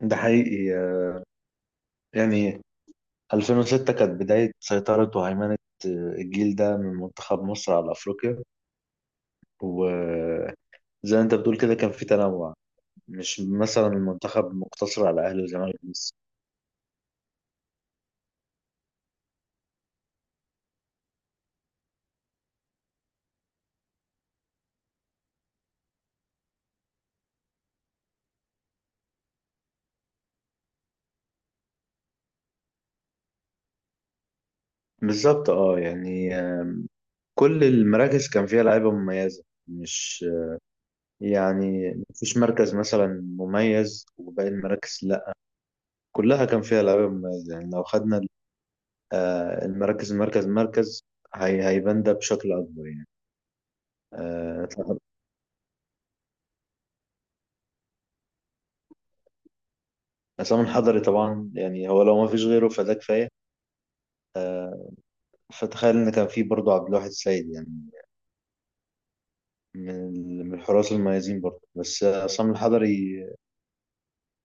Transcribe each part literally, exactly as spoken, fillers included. ده حقيقي آه، يعني ألفين وستة كانت بداية سيطرة وهيمنة آه، الجيل ده من منتخب مصر على أفريقيا، وزي ما أنت بتقول كده كان في تنوع، مش مثلا المنتخب مقتصر على أهلي وزمالك بس. بالظبط اه، يعني آم، كل المراكز كان فيها لعيبة مميزة، مش يعني مفيش مركز مثلا مميز وباقي المراكز لا، كلها كان فيها لعيبة مميزة. يعني لو خدنا آه، المراكز مركز مركز هي- هيبان ده بشكل أكبر يعني. آه، عصام الحضري طبعا، يعني هو لو ما فيش غيره فده كفايه، فتخيل ان كان في برضه عبد الواحد السيد يعني من من الحراس المميزين برضه، بس آه، عصام الحضري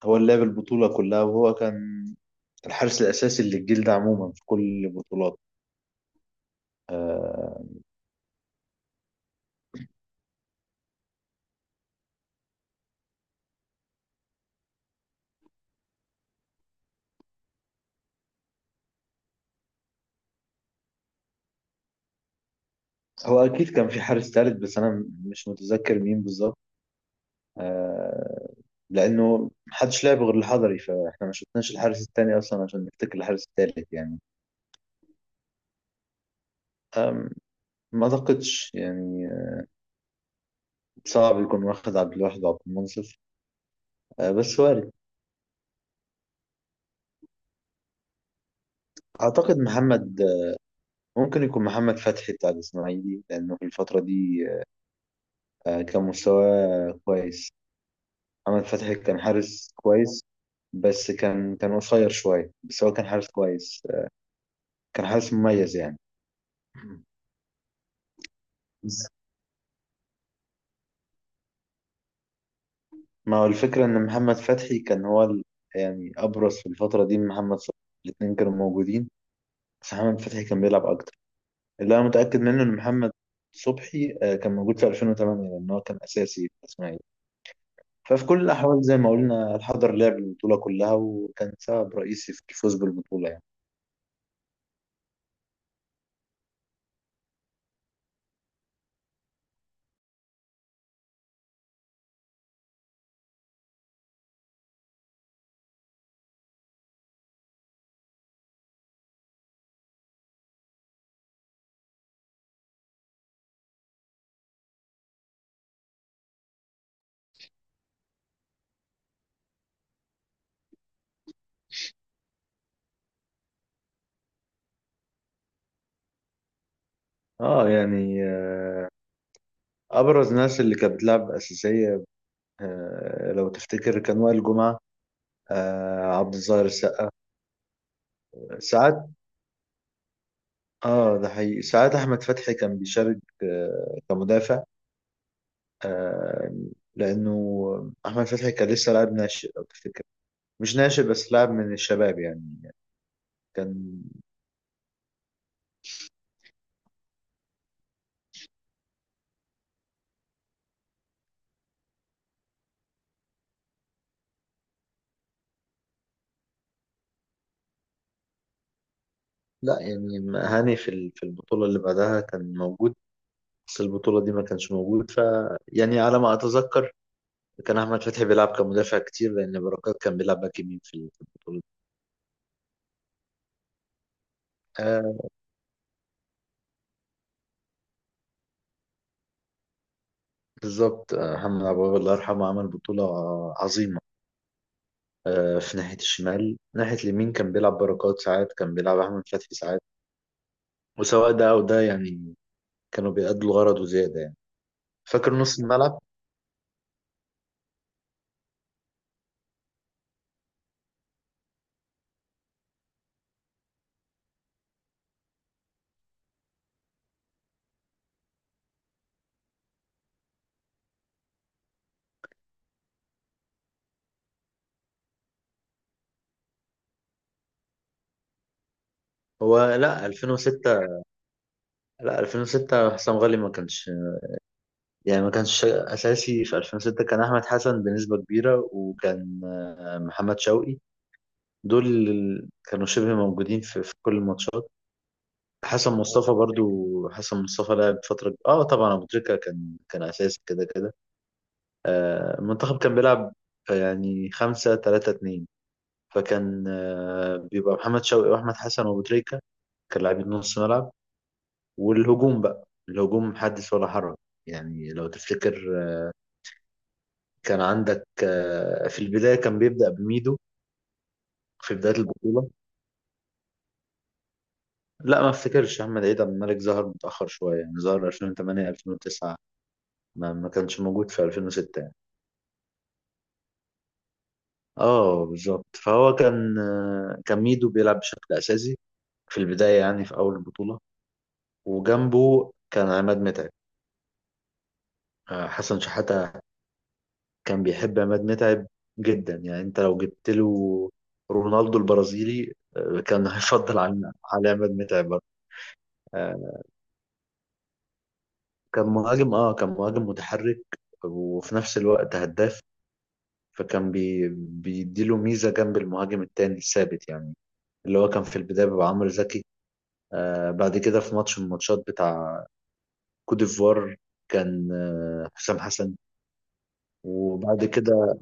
هو اللي لعب البطوله كلها، وهو كان الحارس الاساسي للجيل ده عموما في كل البطولات. آه، هو اكيد كان في حارس ثالث، بس انا م- مش متذكر مين بالظبط، آه، لانه محدش لعب غير الحضري فاحنا ما شفناش الحارس الثاني اصلا عشان نفتكر الحارس الثالث يعني. ما اعتقدش يعني، صعب يكون واخد عبد الواحد وعبد المنصف، آه، بس وارد. اعتقد محمد، آه، ممكن يكون محمد فتحي بتاع الاسماعيلي، لانه في الفتره دي آه، كان مستواه كويس، محمد فتحي كان حارس كويس، بس كان كان قصير شويه، بس هو كان حارس كويس، آه، كان حارس مميز يعني. بس ما هو الفكره ان محمد فتحي كان هو ال- يعني ابرز في الفتره دي من محمد صلاح، الاثنين كانوا موجودين بس محمد فتحي كان بيلعب اكتر. اللي انا متاكد منه ان محمد صبحي آه، كان موجود في ألفين وتمانية لان هو كان اساسي في الاسماعيلي. ففي كل الاحوال زي ما قلنا الحضر لعب البطوله كلها وكان سبب رئيسي في الفوز بالبطوله يعني. اه يعني، آه، ابرز ناس اللي كانت بتلعب اساسيه، آه، لو تفتكر كان وائل جمعه، آه، عبد الظاهر السقا ساعات. اه ده حقيقي، ساعات احمد فتحي كان بيشارك آه، كمدافع، آه، لانه احمد فتحي كان لسه لاعب ناشئ لو تفتكر، مش ناشئ بس لاعب من الشباب يعني. كان لا، يعني هاني في ال- في البطولة اللي بعدها كان موجود، بس البطولة دي ما كانش موجود. ف يعني على ما أتذكر كان أحمد فتحي بيلعب كمدافع كتير، لأن بركات كان بيلعب باك يمين في ال- في البطولة دي. آه بالظبط، آه، محمد عبد الوهاب الله يرحمه عمل بطولة عظيمة. آه في ناحية الشمال، ناحية اليمين كان بيلعب بركات ساعات، كان بيلعب أحمد فتحي ساعات. وسواء ده أو ده يعني، كانوا بيأدوا الغرض وزيادة يعني. فاكر نص الملعب، هو لا ألفين وستة، لا ألفين وستة حسام غالي ما كانش، يعني ما كانش اساسي في ألفين وستة، كان احمد حسن بنسبه كبيره، وكان آه، محمد شوقي، دول ال- كانوا شبه موجودين في, في كل الماتشات. حسن مصطفى برضو، حسن مصطفى لعب فتره. اه طبعا ابو تريكه كان كان اساسي كده كده. آه، المنتخب كان بيلعب يعني خمسة ثلاثة اثنين، فكان آه، بيبقى محمد شوقي واحمد حسن وابو تريكه كان لاعبين نص ملعب. والهجوم بقى، الهجوم حدث ولا حرج. يعني لو تفتكر كان عندك آه، في البداية كان بيبدأ بميدو في بداية البطولة. لا ما افتكرش، أحمد عيد عبد الملك ظهر متأخر شوية، يعني ظهر ألفين وتمانية ألفين وتسعة، ما ما كانش موجود في ألفين وستة يعني. اه بالظبط، فهو كان آه، كان ميدو بيلعب بشكل أساسي في البداية يعني في أول البطولة، وجنبه كان عماد متعب. آه، حسن شحاتة كان بيحب عماد متعب جدا يعني، أنت لو جبت له رونالدو البرازيلي آه، كان هيفضل على على عماد متعب. كان مهاجم اه كان مهاجم متحرك وفي نفس الوقت هداف، فكان بي بيديله ميزة جنب المهاجم التاني الثابت يعني، اللي هو كان في البداية بيبقى عمرو زكي. آه بعد كده في ماتش من الماتشات بتاع كوت ديفوار كان آه حسام حسن، وبعد كده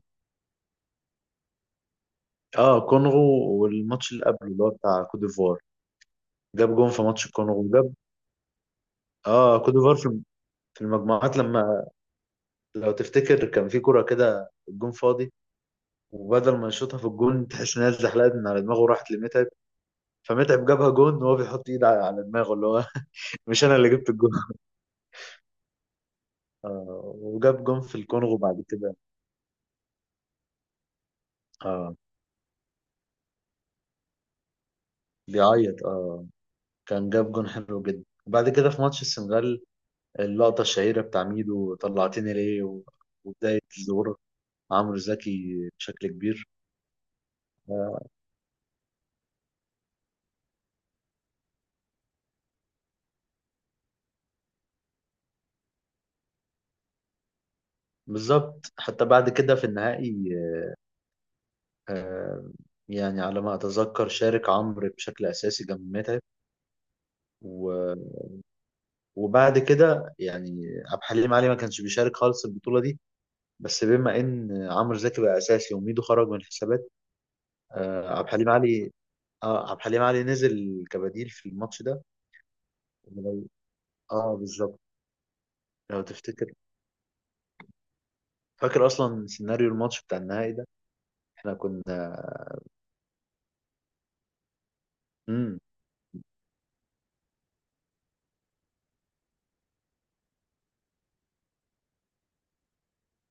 اه كونغو. والماتش اللي قبله اللي هو بتاع كوت ديفوار، جاب جون في ماتش الكونغو. وجاب اه كوت ديفوار في في المجموعات لما، لو تفتكر كان في كرة كده الجون فاضي، وبدل ما يشوطها في الجون تحس انها اتزحلقت من على دماغه وراحت لمتعب، فمتعب جابها جون وهو بيحط ايده على على دماغه اللي هو مش انا اللي جبت الجون. آه وجاب جون في الكونغو بعد كده. اه بيعيط اه، كان جاب جون حلو جدا. وبعد كده في ماتش السنغال اللقطة الشهيرة بتاع ميدو طلعتني ليه و- وبداية ظهور عمرو زكي بشكل كبير. آه بالظبط، حتى بعد كده في النهائي آه يعني على ما أتذكر شارك عمرو بشكل أساسي جنب متعب، و وبعد كده يعني عبد الحليم علي ما كانش بيشارك خالص البطولة دي، بس بما ان عمرو زكي بقى اساسي وميدو خرج من الحسابات آه، عبد الحليم علي اه عبد الحليم علي نزل كبديل في الماتش ده. ولو- اه بالظبط، لو تفتكر، فاكر اصلا سيناريو الماتش بتاع النهائي ده، احنا كنا. امم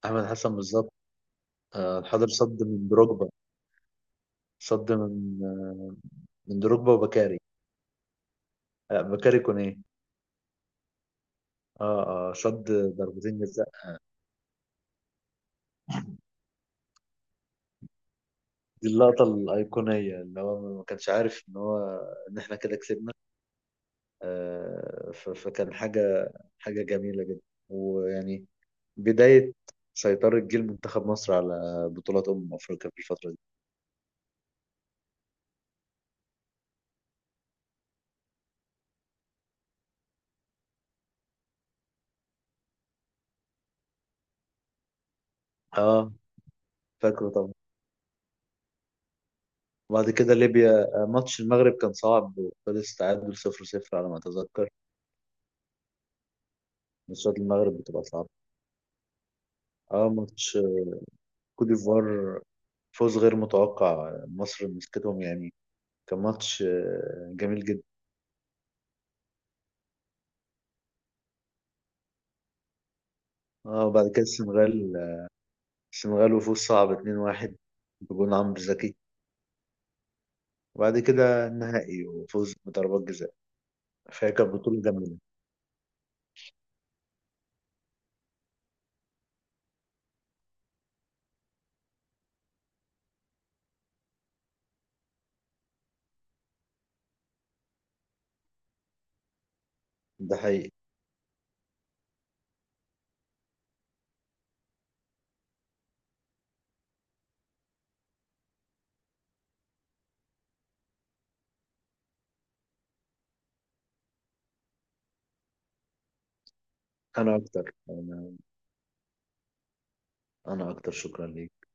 احمد حسن بالظبط، آه، الحضري صد من دروجبا، صد من آه، من دروجبا وبكاري، آه، بكاري كونيه. اه اه صد ضربتين جزاء. دي اللقطة الأيقونية اللي هو ما كانش عارف إن هو إن إحنا كده كسبنا. آه، ف- فكان حاجة حاجة جميلة جدا، ويعني بداية سيطرة جيل منتخب مصر على بطولات أمم أفريقيا في الفترة دي. آه فاكره طبعا. وبعد كده ليبيا، آه، ماتش المغرب كان صعب وخلص تعادل صفر صفر على ما أتذكر، ماتشات المغرب بتبقى صعبة. آه ماتش كوت ديفوار، فوز غير متوقع، مصر مسكتهم يعني، كان ماتش آه، جميل جدا. اه وبعد كده السنغال السنغال وفوز صعب اثنين واحد بجون عمرو زكي. وبعد كده النهائي وفوز بضربات جزاء، فهي كانت بطولة جميلة. ده حقيقي، أنا أكتر. أنا أنا أكتر شكرا ليك.